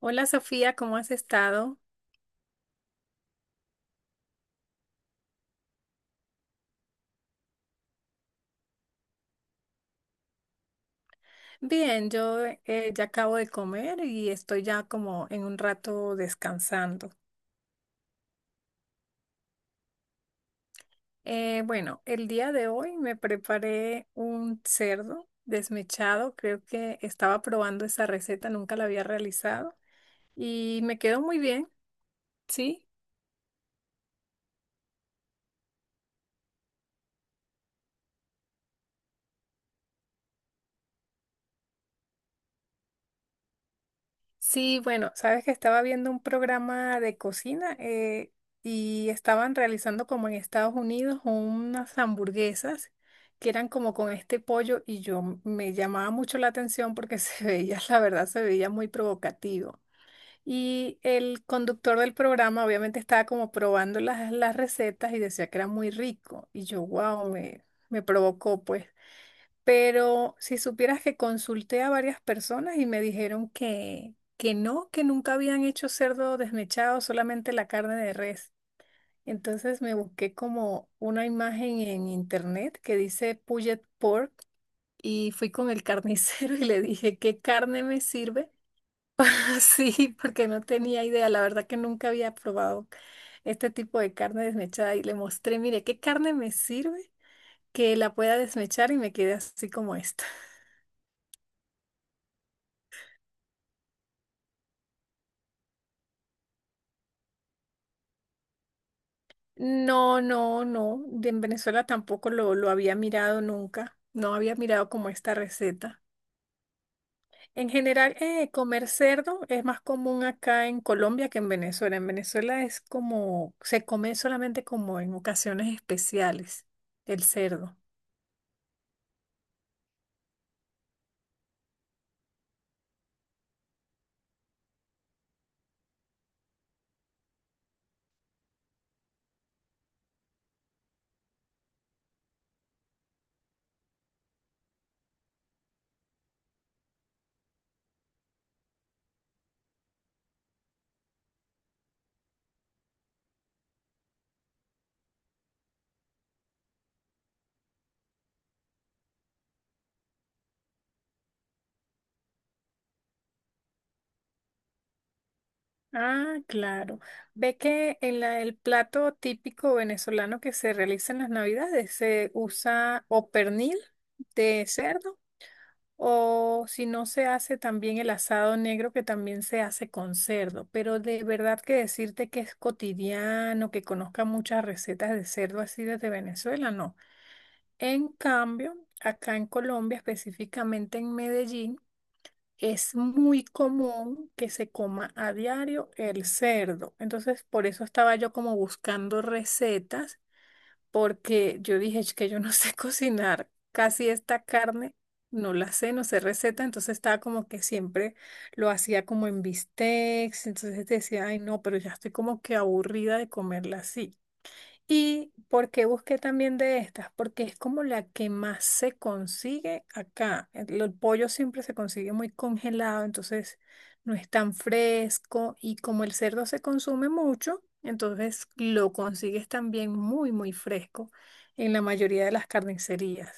Hola Sofía, ¿cómo has estado? Bien, yo ya acabo de comer y estoy ya como en un rato descansando. Bueno, el día de hoy me preparé un cerdo desmechado, creo que estaba probando esa receta, nunca la había realizado y me quedó muy bien, sí. Sí, bueno, sabes que estaba viendo un programa de cocina y estaban realizando como en Estados Unidos unas hamburguesas que eran como con este pollo y yo me llamaba mucho la atención porque se veía, la verdad, se veía muy provocativo. Y el conductor del programa obviamente estaba como probando las recetas y decía que era muy rico y yo, wow, me provocó pues. Pero si supieras que consulté a varias personas y me dijeron que no, que nunca habían hecho cerdo desmechado, solamente la carne de res. Entonces me busqué como una imagen en internet que dice Pulled Pork y fui con el carnicero y le dije, ¿qué carne me sirve? sí, porque no tenía idea. La verdad que nunca había probado este tipo de carne desmechada y le mostré, mire, ¿qué carne me sirve que la pueda desmechar? Y me quedé así como esto. No, no, no. De en Venezuela tampoco lo había mirado nunca. No había mirado como esta receta. En general, comer cerdo es más común acá en Colombia que en Venezuela. En Venezuela es como, se come solamente como en ocasiones especiales el cerdo. Ah, claro. Ve que en el plato típico venezolano que se realiza en las Navidades se usa o pernil de cerdo. O si no se hace también el asado negro, que también se hace con cerdo. Pero de verdad que decirte que es cotidiano, que conozca muchas recetas de cerdo así desde Venezuela, no. En cambio, acá en Colombia, específicamente en Medellín, es muy común que se coma a diario el cerdo. Entonces, por eso estaba yo como buscando recetas porque yo dije, es que yo no sé cocinar casi esta carne, no la sé, no sé receta, entonces estaba como que siempre lo hacía como en bistecs, entonces decía, ay no, pero ya estoy como que aburrida de comerla así. ¿Y por qué busqué también de estas? Porque es como la que más se consigue acá. El pollo siempre se consigue muy congelado, entonces no es tan fresco y como el cerdo se consume mucho, entonces lo consigues también muy, muy fresco en la mayoría de las carnicerías.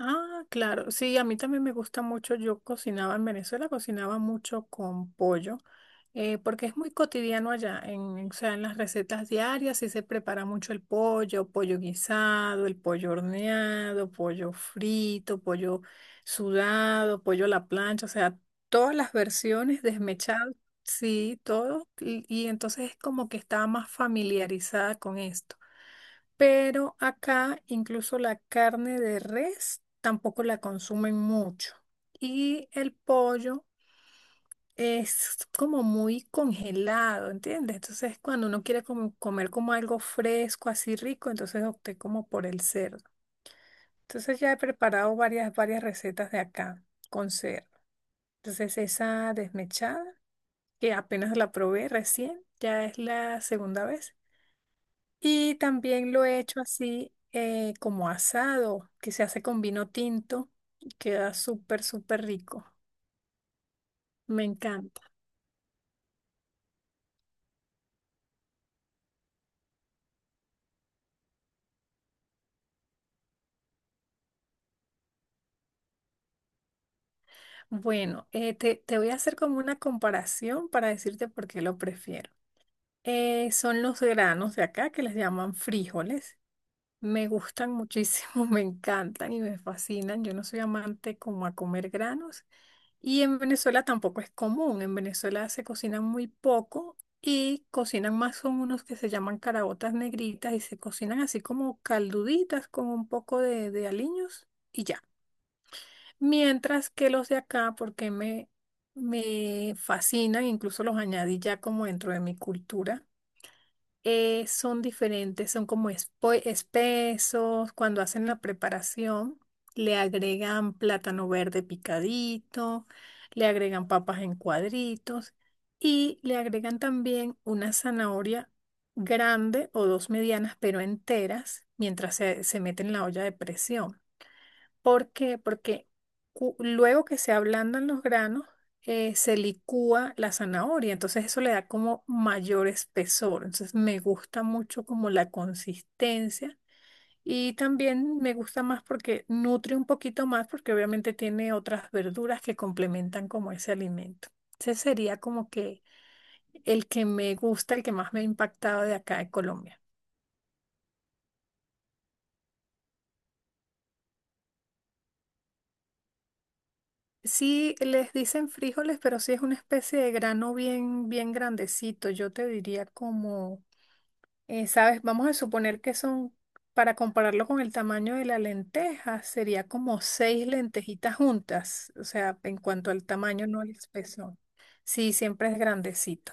Ah, claro. Sí, a mí también me gusta mucho. Yo cocinaba en Venezuela, cocinaba mucho con pollo, porque es muy cotidiano allá. En, o sea, en las recetas diarias sí se prepara mucho el pollo, pollo guisado, el pollo horneado, pollo frito, pollo sudado, pollo a la plancha. O sea, todas las versiones desmechadas, sí, todo. Y entonces es como que estaba más familiarizada con esto, pero acá incluso la carne de res tampoco la consumen mucho. Y el pollo es como muy congelado, ¿entiendes? Entonces, cuando uno quiere como comer como algo fresco, así rico, entonces opté como por el cerdo. Entonces ya he preparado varias, varias recetas de acá con cerdo. Entonces esa desmechada, que apenas la probé recién, ya es la segunda vez. Y también lo he hecho así como asado, que se hace con vino tinto. Queda súper, súper rico. Me encanta. Bueno, te voy a hacer como una comparación para decirte por qué lo prefiero. Son los granos de acá que les llaman frijoles. Me gustan muchísimo, me encantan y me fascinan. Yo no soy amante como a comer granos y en Venezuela tampoco es común. En Venezuela se cocinan muy poco y cocinan más son unos que se llaman caraotas negritas y se cocinan así como calduditas con un poco de aliños y ya. Mientras que los de acá, porque me fascinan, incluso los añadí ya como dentro de mi cultura. Son diferentes, son como espesos. Cuando hacen la preparación, le agregan plátano verde picadito, le agregan papas en cuadritos y le agregan también una zanahoria grande o dos medianas, pero enteras, mientras se mete en la olla de presión. ¿Por qué? Porque luego que se ablandan los granos, se licúa la zanahoria, entonces eso le da como mayor espesor. Entonces me gusta mucho como la consistencia y también me gusta más porque nutre un poquito más porque obviamente tiene otras verduras que complementan como ese alimento. Ese sería como que el que me gusta, el que más me ha impactado de acá de Colombia. Sí, les dicen frijoles, pero sí es una especie de grano bien, bien grandecito. Yo te diría como, ¿sabes? Vamos a suponer que son, para compararlo con el tamaño de la lenteja, sería como seis lentejitas juntas. O sea, en cuanto al tamaño, no al espesor. Sí, siempre es grandecito.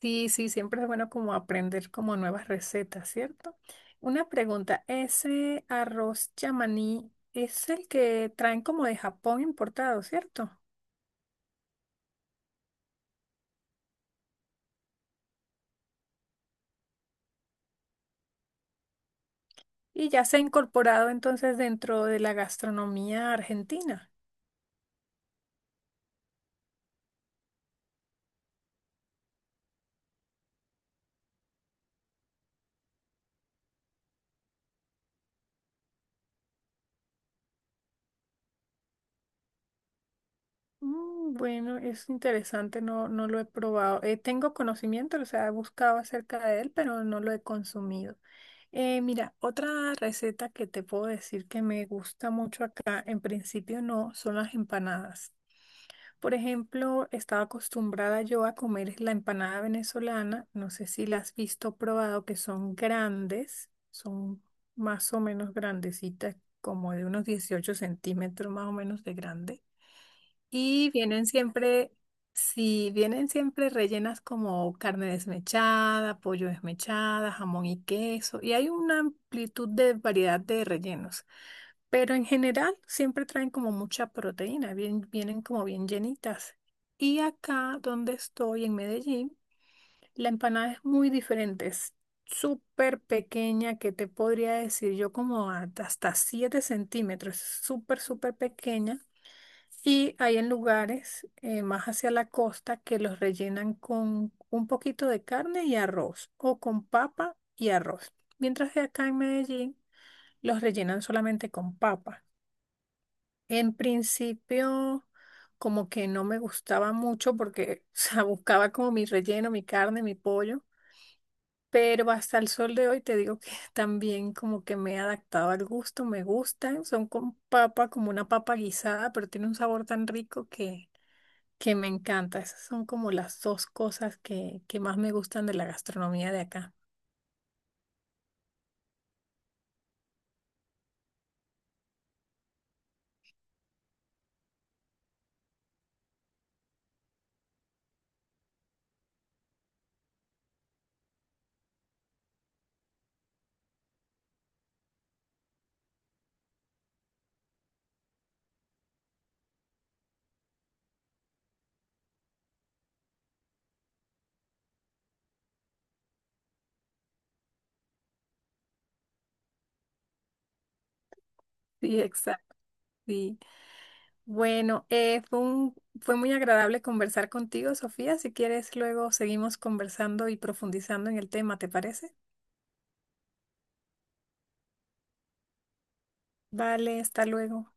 Sí, sí, siempre es bueno como aprender como nuevas recetas, ¿cierto? Una pregunta, ese arroz chamaní es el que traen como de Japón importado, ¿cierto? Y ya se ha incorporado entonces dentro de la gastronomía argentina. Bueno, es interesante, no, no lo he probado. Tengo conocimiento, o sea, he buscado acerca de él, pero no lo he consumido. Mira, otra receta que te puedo decir que me gusta mucho acá, en principio no, son las empanadas. Por ejemplo, estaba acostumbrada yo a comer la empanada venezolana, no sé si la has visto o probado, que son grandes, son más o menos grandecitas, como de unos 18 centímetros más o menos de grande. Y vienen siempre, si vienen siempre rellenas como carne desmechada, pollo desmechada, jamón y queso, y hay una amplitud de variedad de rellenos. Pero en general siempre traen como mucha proteína, bien, vienen como bien llenitas. Y acá donde estoy, en Medellín, la empanada es muy diferente, es súper pequeña, que te podría decir yo como hasta 7 centímetros, súper, súper pequeña, y hay en lugares más hacia la costa que los rellenan con un poquito de carne y arroz o con papa y arroz. Mientras que acá en Medellín los rellenan solamente con papa. En principio como que no me gustaba mucho porque o sea, buscaba como mi relleno, mi carne, mi pollo. Pero hasta el sol de hoy te digo que también como que me he adaptado al gusto, me gustan, son con papa, como una papa guisada, pero tiene un sabor tan rico que me encanta. Esas son como las dos cosas que más me gustan de la gastronomía de acá. Sí, exacto. Sí. Bueno, fue muy agradable conversar contigo, Sofía. Si quieres, luego seguimos conversando y profundizando en el tema, ¿te parece? Vale, hasta luego.